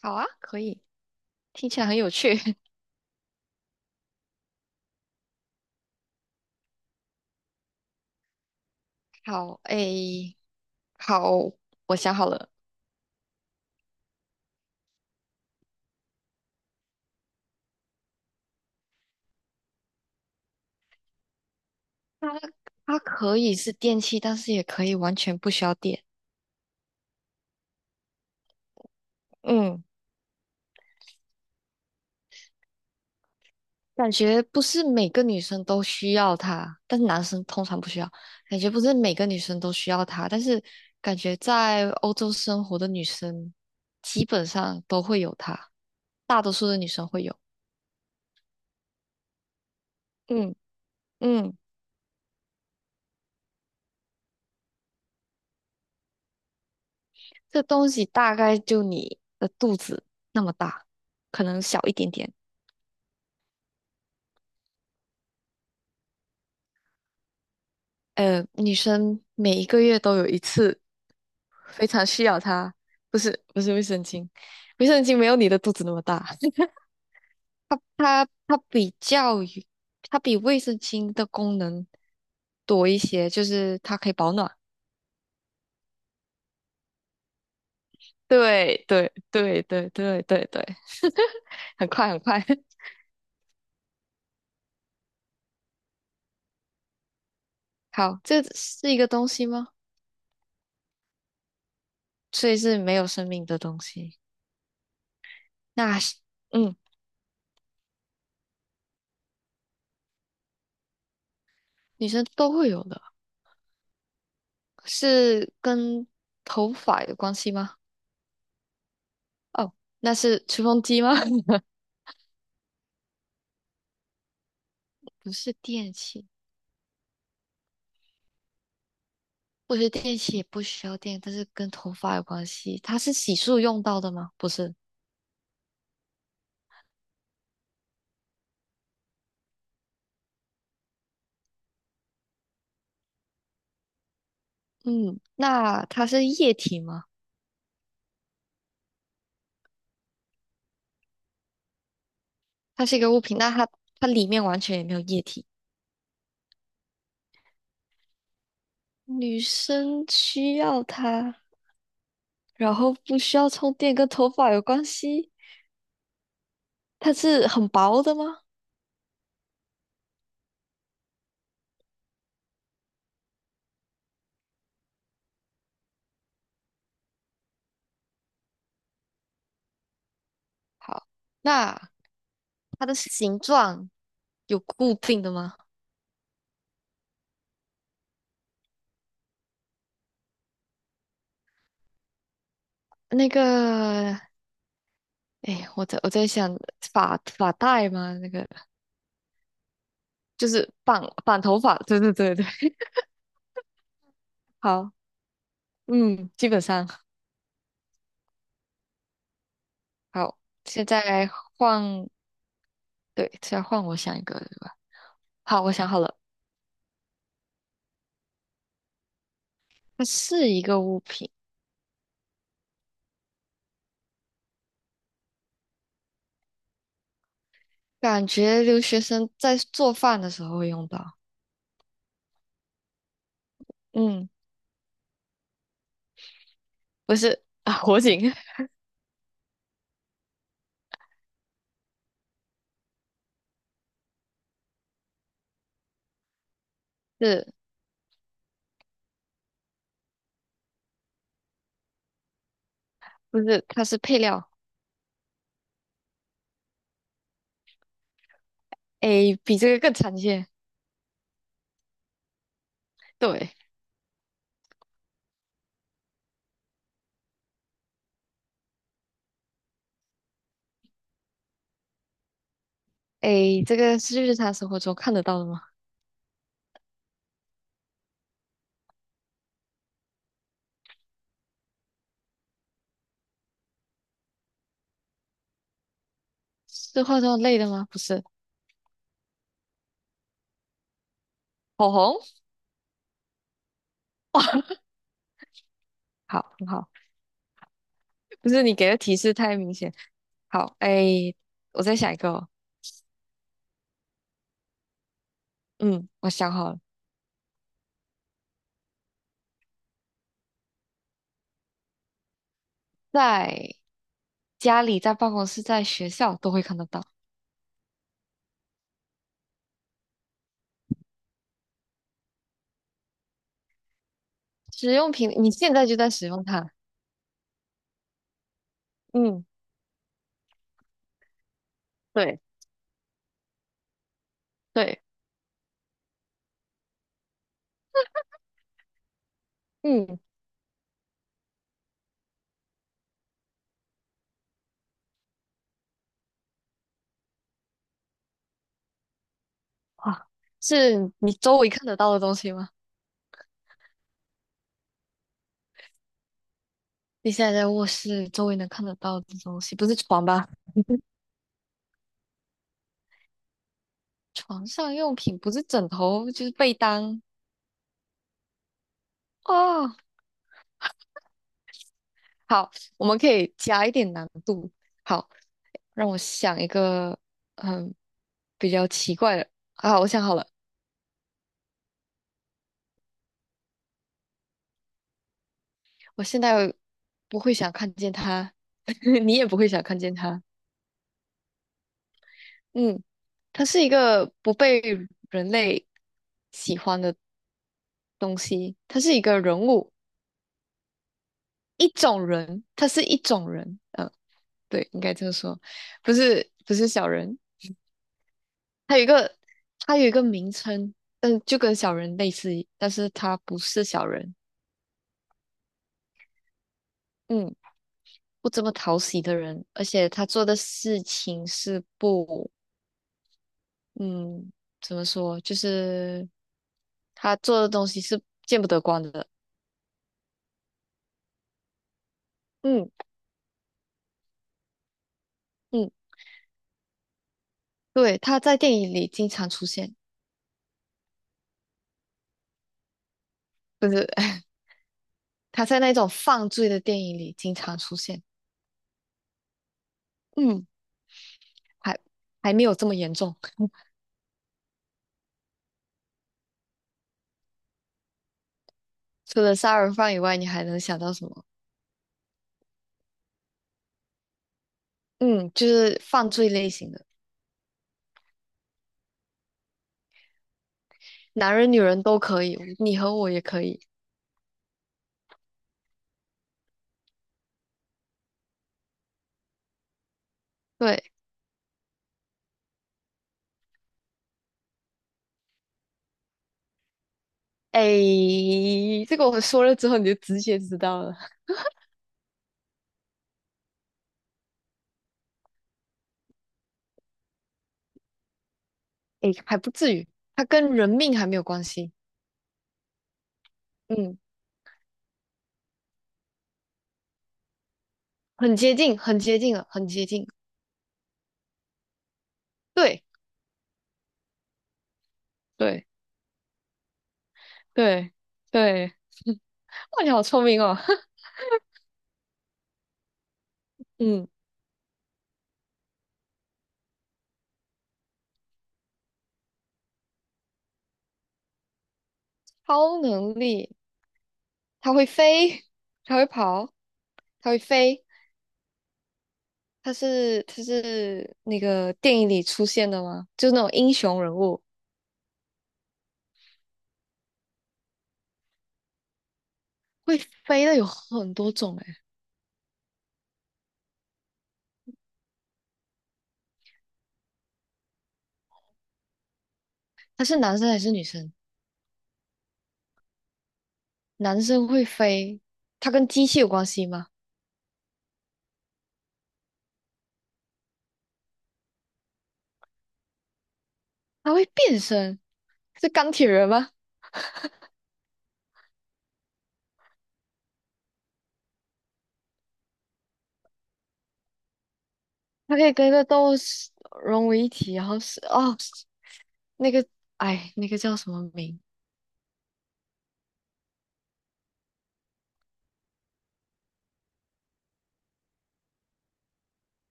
好啊，可以，听起来很有趣。好，诶，好，我想好了，它它可以是电器，但是也可以完全不需要电。嗯，感觉不是每个女生都需要它，但是男生通常不需要。感觉不是每个女生都需要它，但是感觉在欧洲生活的女生基本上都会有它，大多数的女生会有。嗯嗯，这东西大概就你的肚子那么大，可能小一点点。女生每一个月都有一次非常需要它，不是不是卫生巾，卫生巾没有你的肚子那么大。它它它比较于它比卫生巾的功能多一些，就是它可以保暖。对对对对对对对，很快很快。好，这是一个东西吗？所以是没有生命的东西。那是嗯，女生都会有的，是跟头发有关系吗？哦，那是吹风机吗？不是电器，我觉得电器也不需要电，但是跟头发有关系。它是洗漱用到的吗？不是。嗯，那它是液体吗？它是一个物品，那它它里面完全也没有液体。女生需要它，然后不需要充电，跟头发有关系。它是很薄的吗？好，那它的形状有固定的吗？那个，哎，我在想发发带吗？那个。就是绑绑头发，对对对对，好，嗯，基本上好，现在换，对，现在换我想一个，对吧？好，我想好了，它是一个物品，感觉留学生在做饭的时候会用到。嗯，不是啊，火警。 是不是？它是配料，诶，比这个更常见。对，诶，这个是日常生活中看得到的吗？是化妆类的吗？不是，口红。哇，好，很好，不是你给的提示太明显。好，哎，我再想一个哦。嗯，我想好了，在家里、在办公室、在学校都会看得到使用品，你现在就在使用它。嗯，对对。嗯，哇，是你周围看得到的东西吗？你现在在卧室，周围能看得到的东西，不是床吧？床上用品不是枕头就是被单。哦，好，我们可以加一点难度。好，让我想一个嗯比较奇怪的。啊，我想好了，我现在不会想看见他。你也不会想看见他。嗯，他是一个不被人类喜欢的东西，他是一个人物，一种人，他是一种人。嗯，对，应该这么说，不是不是小人。他有一个他有一个名称，嗯，就跟小人类似，但是他不是小人，嗯，不这么讨喜的人，而且他做的事情是不，嗯，怎么说，就是他做的东西是见不得光的。嗯嗯，对，他在电影里经常出现，不是。他在那种犯罪的电影里经常出现，嗯，还还没有这么严重。除了杀人犯以外，你还能想到什么？嗯，就是犯罪类型的。男人女人都可以，你和我也可以。对，哎，这个我说了之后你就直接知道了。哎，还不至于，它跟人命还没有关系。嗯，很接近，很接近了，很接近。对，对，对，对。哇，你好聪明哦。嗯，超能力，它会飞，它会跑，它会飞。它是那个电影里出现的吗？就是那种英雄人物会飞的有很多种诶，它是男生还是女生？男生会飞，他跟机器有关系吗？他会变身，是钢铁人吗？他可以跟一个动物是融为一体，然后是哦，那个哎，那个叫什么名？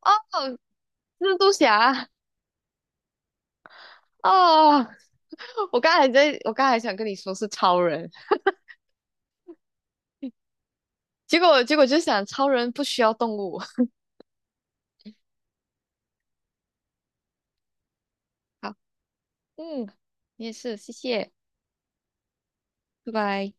哦，蜘蛛侠。哦，我刚才在，我刚才想跟你说是超人，结果就想超人不需要动物。好，嗯，你也是，谢谢，拜拜。